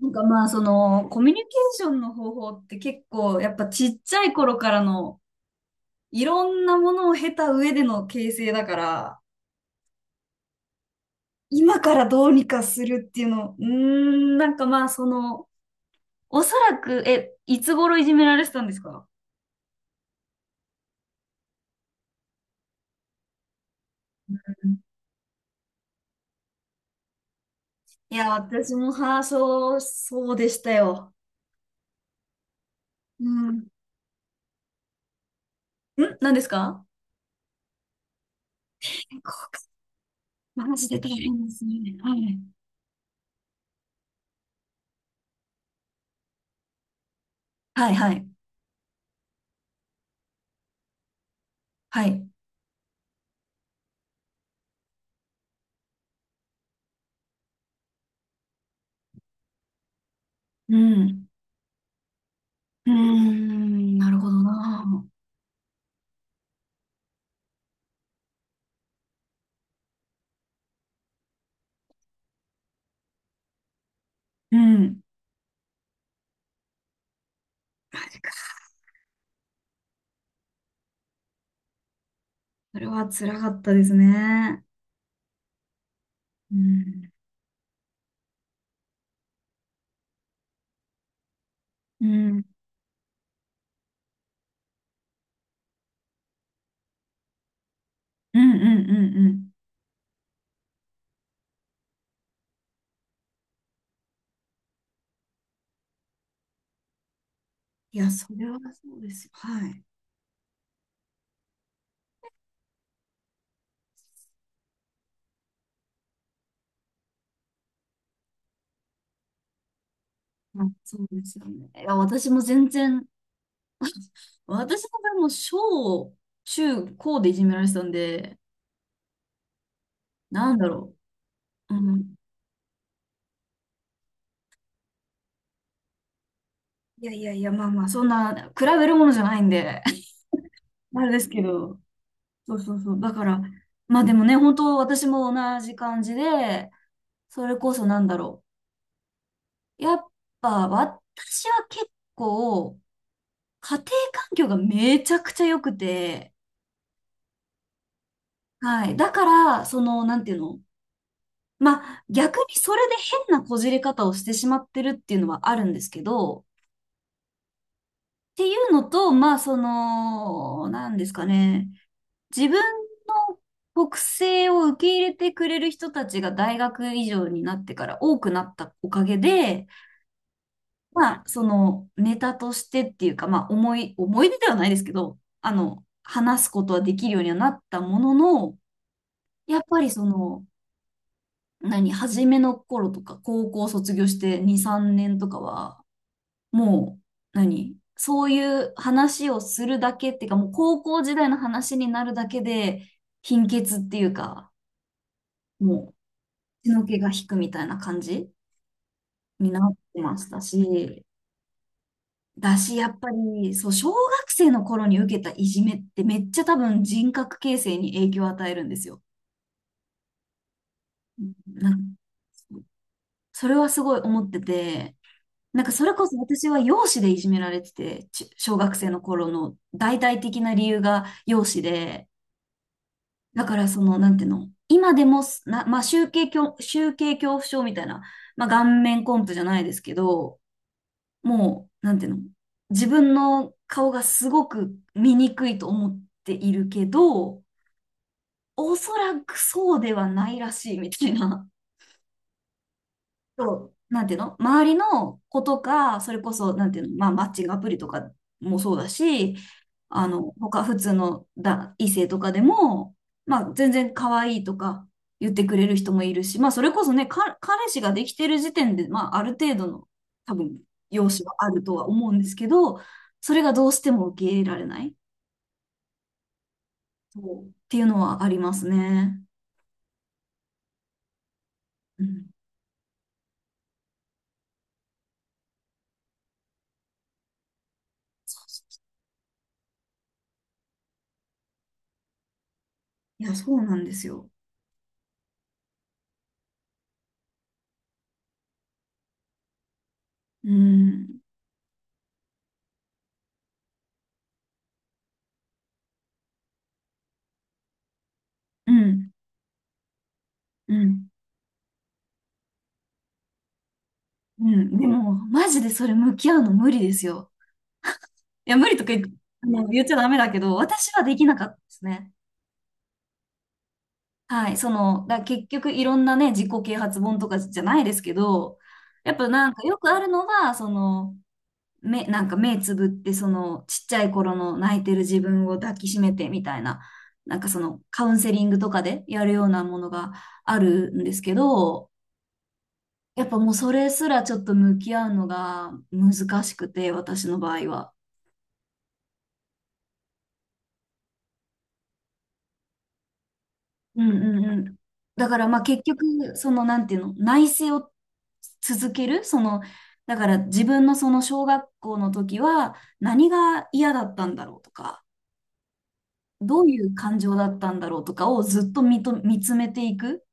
まあ、コミュニケーションの方法って結構、やっぱちっちゃい頃からの、いろんなものを経た上での形成だから、今からどうにかするっていうの、まあ、その、おそらく、え、いつ頃いじめられてたんですか？いや、私も、はあ、そう、そうでしたよ。うん。何ですか？健康か。マジで大変ですね。はい。はい、はい。はい。うん。うーん、なるほどな。うん。それは辛かったですね。うん。うん。うんうんうんうん。いや、それはそうですよ。はい。まあ、そうですよね。いや、私も全然、私の場合も小、中、高でいじめられてたんで、なんだろう。うん。いやいやいや、まあまあ、そんな、比べるものじゃないんで、あれですけど、そうそうそう。だから、まあでもね、本当私も同じ感じで、それこそなんだろう。やっぱ、私は結構、家庭環境がめちゃくちゃ良くて、はい。だから、なんていうのまあ、逆にそれで変なこじれ方をしてしまってるっていうのはあるんですけど、っていうのと、まあ、なんですかね。自分の国性を受け入れてくれる人たちが大学以上になってから多くなったおかげで、まあ、ネタとしてっていうか、まあ、思い出ではないですけど、話すことはできるようにはなったものの、やっぱり初めの頃とか、高校卒業して2、3年とかは、もう、そういう話をするだけっていうか、もう高校時代の話になるだけで、貧血っていうか、もう、血の気が引くみたいな感じになってましたし、だし、やっぱり、そう、小学生の頃に受けたいじめってめっちゃ多分人格形成に影響を与えるんですよ。なんかそれはすごい思ってて、なんかそれこそ私は容姿でいじめられてて、小学生の頃の大々的な理由が容姿で、だからなんていうの、今でもまあ、集計恐怖症みたいな、まあ、顔面コンプじゃないですけど、もう、なんていうの、自分の顔がすごく醜いと思っているけど、おそらくそうではないらしいみたいな。そう、なんていうの周りの子とか、それこそ、なんていうの、まあ、マッチングアプリとかもそうだし、他、普通の異性とかでも、まあ、全然可愛いとか言ってくれる人もいるし、まあ、それこそね、彼氏ができてる時点で、まあ、ある程度の、多分、容姿はあるとは思うんですけど、それがどうしても受け入れられない、そう、っていうのはありますね。うん。そうそう、いや、そうなんですよ。うん。うん。うん。うん、でも、マジでそれ向き合うの無理ですよ。いや、無理とか言っちゃダメだけど、私はできなかったですね。はい、結局いろんなね、自己啓発本とかじゃないですけど、やっぱなんかよくあるのは、目、なんか目つぶって、ちっちゃい頃の泣いてる自分を抱きしめてみたいな、カウンセリングとかでやるようなものがあるんですけど、やっぱもうそれすらちょっと向き合うのが難しくて、私の場合は。うんうんうん。だからまあ結局、なんていうの、内省を続ける、だから自分のその小学校の時は何が嫌だったんだろうとか、どういう感情だったんだろうとかをずっと見つめていく。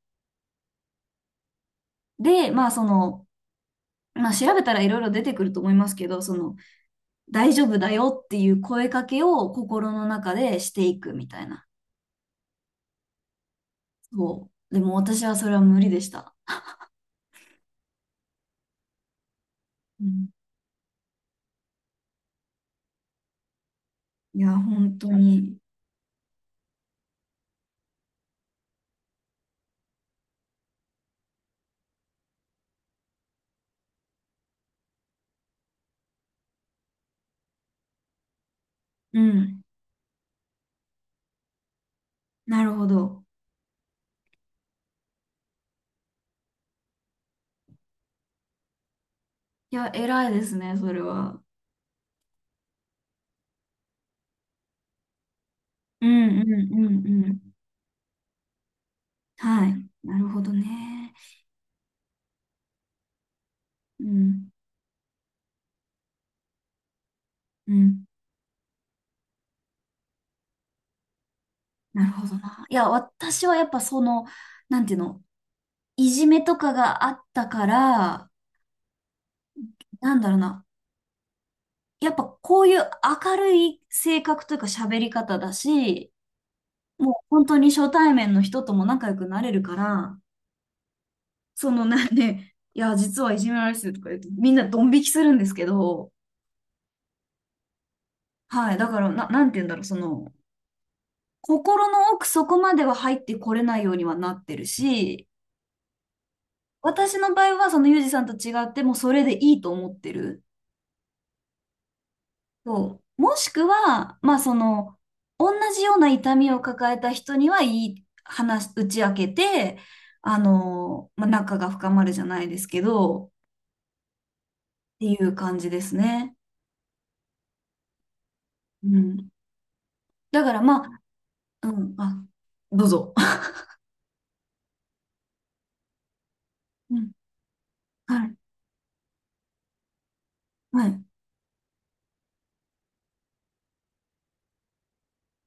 で、まあまあ調べたらいろいろ出てくると思いますけど、大丈夫だよっていう声かけを心の中でしていくみたいな。そう。でも私はそれは無理でした。うん、いや、本当に。うん。なるほど。いや、偉いですね、それは。うんうんうんうん。はい。なるほどね。うん。うん。なるほどな。いや、私はやっぱなんていうの、いじめとかがあったから、なんだろうな。やっぱこういう明るい性格というか喋り方だし、もう本当に初対面の人とも仲良くなれるから、なんで、いや、実はいじめられてるとか言うと、みんなドン引きするんですけど、はい。だから、なんていうんだろう、心の奥そこまでは入ってこれないようにはなってるし、私の場合はそのユージさんと違ってもうそれでいいと思ってる。そう。もしくは、まあ同じような痛みを抱えた人にはいい話、打ち明けて、まあ、仲が深まるじゃないですけど、っていう感じですね。うん。だからまあ、うん、あ、どうぞ。うん、はい、はい。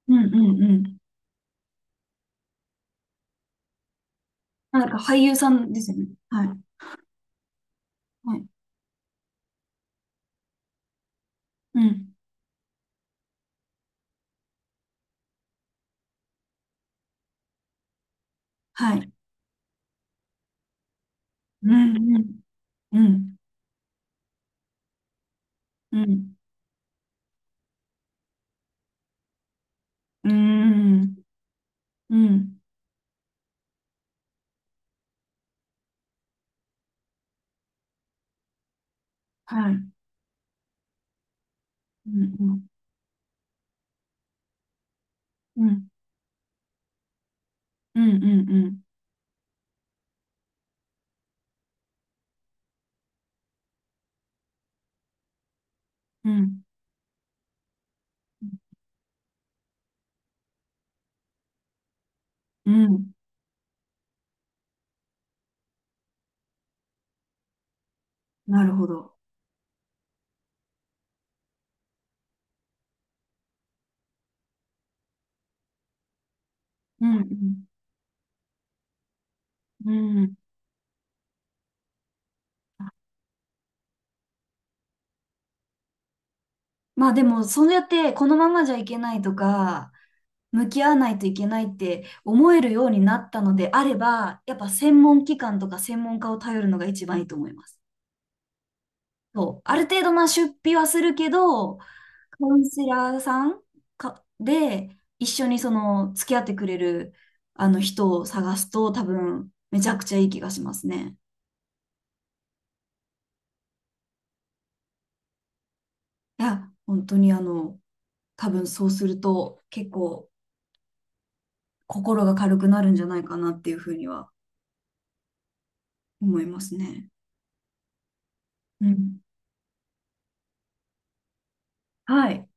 うん、うん、うん。なんか俳優さんですよね。はい、はい。うん。はい。うん、うん、うん、うん、うん、うん、はい。うん、うん、うん、うん、うん、うん、うん、うん。なるほど。うん、うん、うん。まあでも、そうやって、このままじゃいけないとか、向き合わないといけないって思えるようになったのであれば、やっぱ専門機関とか専門家を頼るのが一番いいと思います。そう、ある程度まあ出費はするけど、カウンセラーさんかで一緒にその付き合ってくれるあの人を探すと多分めちゃくちゃいい気がしますね。いや、本当にあの多分そうすると結構心が軽くなるんじゃないかなっていうふうには思いますね。うん。はい。